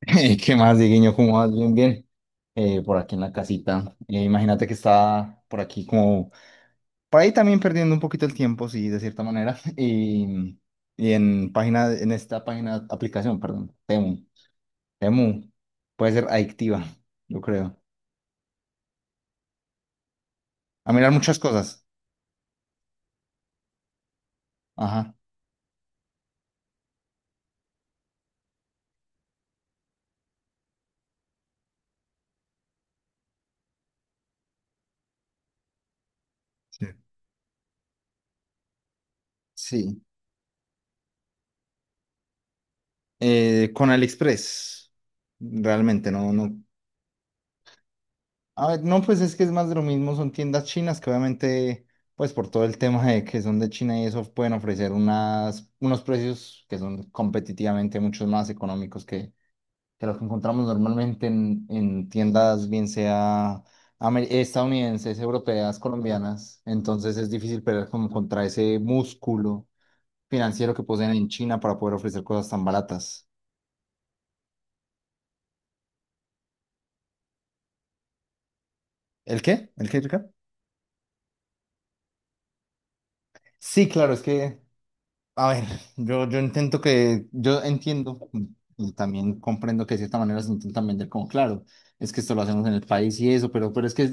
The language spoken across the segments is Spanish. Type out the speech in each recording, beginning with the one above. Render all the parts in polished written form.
¿Qué más, Dieguiño? ¿Cómo vas? Bien, bien. Por aquí en la casita. Imagínate que estaba por aquí como, por ahí también perdiendo un poquito el tiempo, sí, de cierta manera. Y en esta página, aplicación, perdón, Temu. Temu puede ser adictiva, yo creo. A mirar muchas cosas. Ajá, sí. Sí. Con AliExpress, realmente, no, no. A ver, no, pues es que es más de lo mismo, son tiendas chinas que obviamente, pues por todo el tema de que son de China y eso, pueden ofrecer unos precios que son competitivamente mucho más económicos que los que encontramos normalmente en tiendas, bien sea estadounidenses, europeas, colombianas. Entonces es difícil pelear como contra ese músculo financiero que poseen en China para poder ofrecer cosas tan baratas. ¿El qué? ¿El qué, Ricardo? Sí, claro, es que a ver, yo intento que, yo entiendo y también comprendo que de cierta manera se intentan vender como, claro, es que esto lo hacemos en el país y eso, pero es que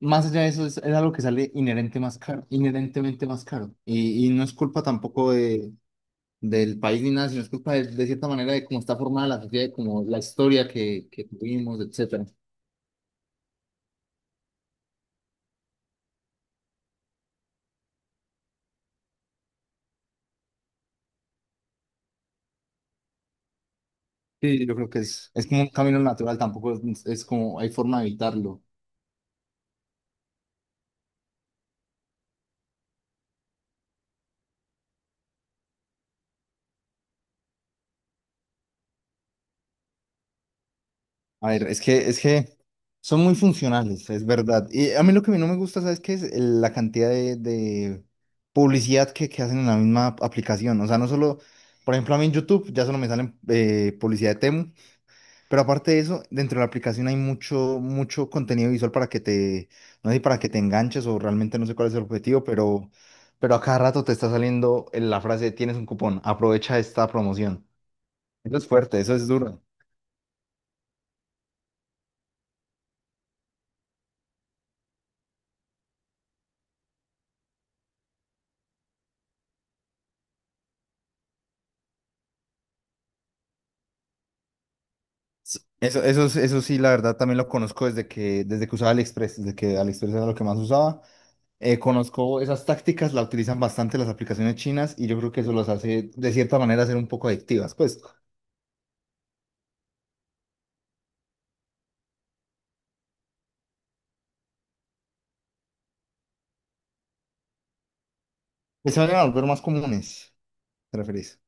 más allá de eso es algo que sale inherente más caro, inherentemente más caro. Y no es culpa tampoco del país ni nada, sino es culpa de cierta manera de cómo está formada la sociedad, de cómo la historia que tuvimos, etcétera. Sí, yo creo que es como un camino natural, tampoco es como hay forma de evitarlo. A ver, es que son muy funcionales, es verdad. Y a mí lo que a mí no me gusta, ¿sabes qué? Es la cantidad de publicidad que hacen en la misma aplicación. O sea, no solo, por ejemplo, a mí en YouTube ya solo me salen publicidad de Temu, pero aparte de eso, dentro de la aplicación hay mucho, mucho contenido visual para que te, no sé, para que te enganches o realmente no sé cuál es el objetivo, pero, a cada rato te está saliendo la frase, tienes un cupón, aprovecha esta promoción. Eso es fuerte, eso es duro. Sí. Eso, eso sí, la verdad, también lo conozco desde que usaba AliExpress, desde que AliExpress era lo que más usaba. Conozco esas tácticas, la utilizan bastante las aplicaciones chinas y yo creo que eso los hace, de cierta manera, ser un poco adictivas. Pues, que se vayan a volver más comunes, ¿te referís?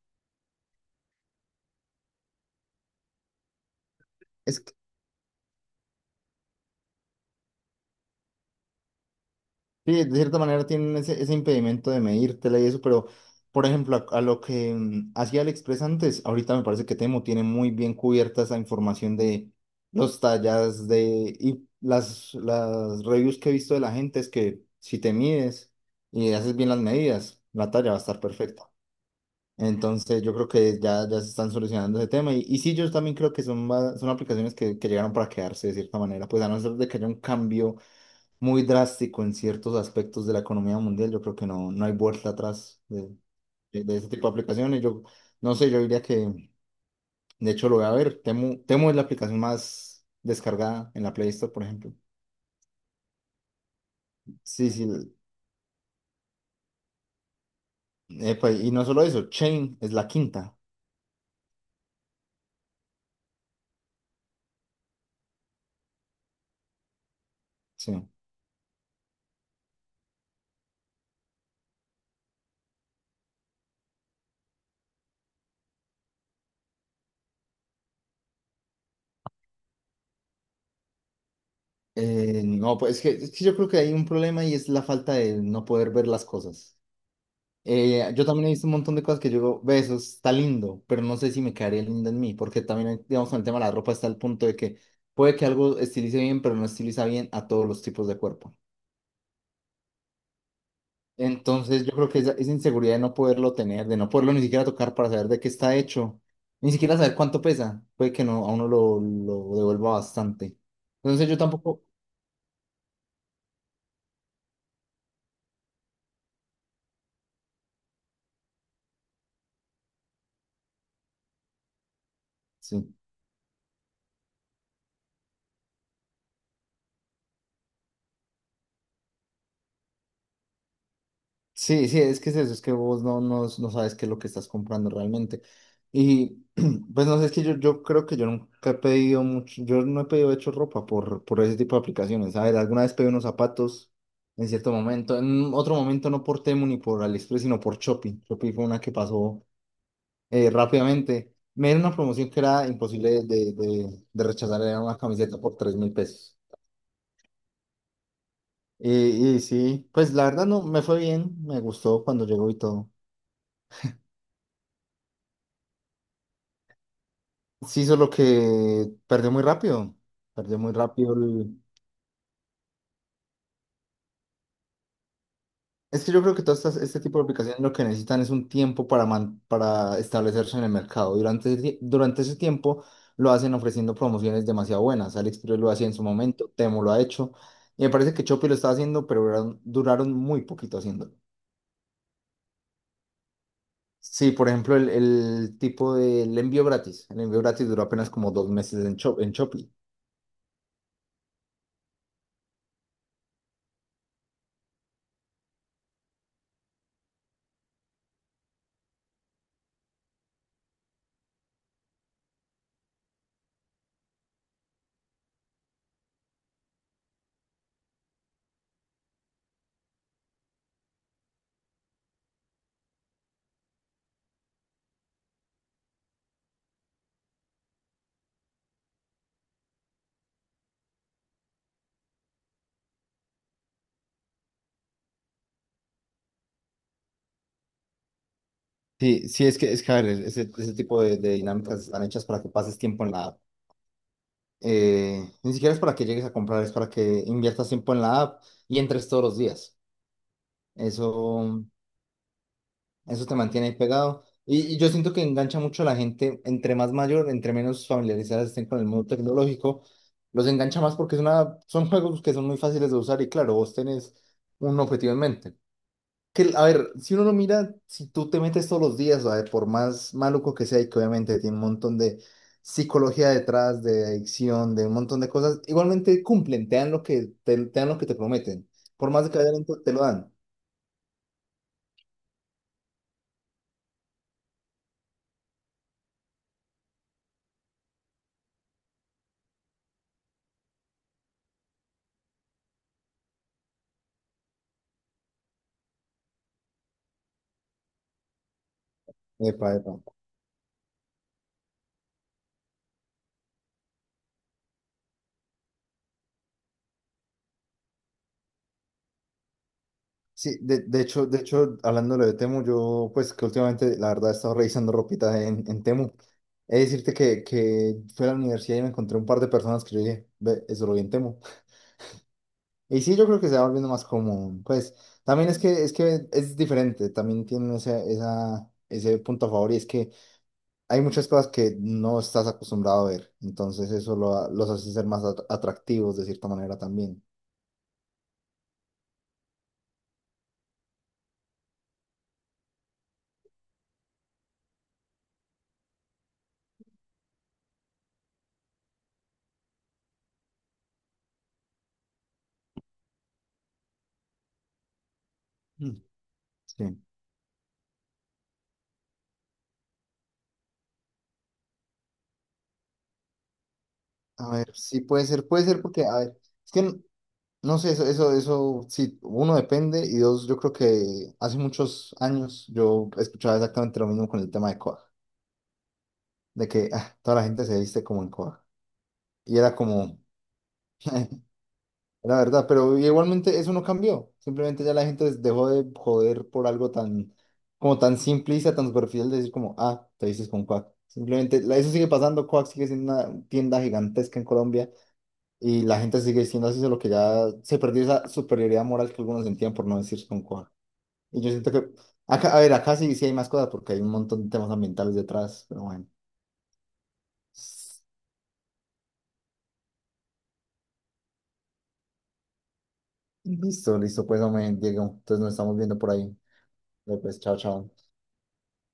Sí, de cierta manera tienen ese impedimento de medírtela y eso, pero por ejemplo, a lo que hacía AliExpress antes, ahorita me parece que Temo tiene muy bien cubierta esa información de los tallas de y las reviews que he visto de la gente es que si te mides y haces bien las medidas, la talla va a estar perfecta. Entonces yo creo que ya, ya se están solucionando ese tema y sí, yo también creo que son aplicaciones que llegaron para quedarse de cierta manera, pues a no ser de que haya un cambio muy drástico en ciertos aspectos de la economía mundial. Yo creo que no, no hay vuelta atrás de ese tipo de aplicaciones. Yo no sé, yo diría que, de hecho, lo voy a ver. Temu, Temu es la aplicación más descargada en la Play Store, por ejemplo. Sí, sí. Epa, y no solo eso, Chain es la quinta. Sí. No, pues es que yo creo que hay un problema y es la falta de no poder ver las cosas. Yo también he visto un montón de cosas que yo digo, ve, eso está lindo, pero no sé si me quedaría lindo en mí, porque también, digamos, con el tema de la ropa está el punto de que puede que algo estilice bien, pero no estiliza bien a todos los tipos de cuerpo. Entonces, yo creo que esa inseguridad de no poderlo tener, de no poderlo ni siquiera tocar para saber de qué está hecho, ni siquiera saber cuánto pesa, puede que no, a uno lo, devuelva bastante. Entonces, yo tampoco, sí. Sí, sí, es que es eso, es que vos no sabes qué es lo que estás comprando realmente. Y pues no sé, es que yo creo que yo nunca he pedido mucho, yo no he pedido de hecho ropa por ese tipo de aplicaciones. A ver, alguna vez pedí unos zapatos en cierto momento, en otro momento no por Temu ni por AliExpress, sino por Shopee. Shopee fue una que pasó rápidamente. Me dieron una promoción que era imposible de rechazar, era una camiseta por $3.000. Y sí, pues la verdad no, me fue bien, me gustó cuando llegó y todo. Sí, solo que perdió muy rápido. Perdió muy rápido el... Es que yo creo que todas estas, este tipo de aplicaciones lo que necesitan es un tiempo para establecerse en el mercado. Durante ese tiempo lo hacen ofreciendo promociones demasiado buenas. AliExpress lo hacía en su momento, Temo lo ha hecho. Y me parece que Shopee lo está haciendo, pero duraron muy poquito haciéndolo. Sí, por ejemplo, el tipo del envío gratis. El envío gratis duró apenas como 2 meses en Shopee. Sí, sí, es que, a ver, ese tipo de dinámicas están hechas para que pases tiempo en la app. Ni siquiera es para que llegues a comprar, es para que inviertas tiempo en la app y entres todos los días. Eso, eso te mantiene ahí pegado. Y yo siento que engancha mucho a la gente, entre más mayor, entre menos familiarizadas estén con el mundo tecnológico, los engancha más porque son juegos que son muy fáciles de usar y claro, vos tenés un objetivo en mente. Que, a ver, si uno lo mira, si tú te metes todos los días, a ver, por más maluco que sea, y que obviamente tiene un montón de psicología detrás, de adicción, de un montón de cosas, igualmente cumplen, te dan lo que te, dan lo que te prometen. Por más de que haya lento, te lo dan. Epa, epa. Sí, de hecho, hablando de Temu, yo pues que últimamente la verdad he estado revisando ropita en Temu. Es decirte que fui a la universidad y me encontré un par de personas que yo dije, ve, eso lo vi en Temu. Y sí, yo creo que se va volviendo más común. Pues también es que es diferente, también tiene ese punto a favor y es que hay muchas cosas que no estás acostumbrado a ver. Entonces eso los hace ser más atractivos de cierta manera también. Mm. Sí. A ver, sí puede ser porque, a ver, es que no sé, eso, sí, uno depende y dos, yo creo que hace muchos años yo escuchaba exactamente lo mismo con el tema de Coag, de que ah, toda la gente se viste como en Coag. Y era como, La verdad, pero igualmente eso no cambió. Simplemente ya la gente dejó de joder por algo tan, como tan simplista, tan superficial de decir como, ah, te dices con Quack. Simplemente, eso sigue pasando, Quack sigue siendo una tienda gigantesca en Colombia y la gente sigue siendo así, solo que ya se perdió esa superioridad moral que algunos sentían por no decir con Quack. Y yo siento que, acá, a ver, acá sí, sí hay más cosas porque hay un montón de temas ambientales detrás, pero bueno. Listo, listo, pues no me Diego. Entonces nos estamos viendo por ahí. Pues chao, chao.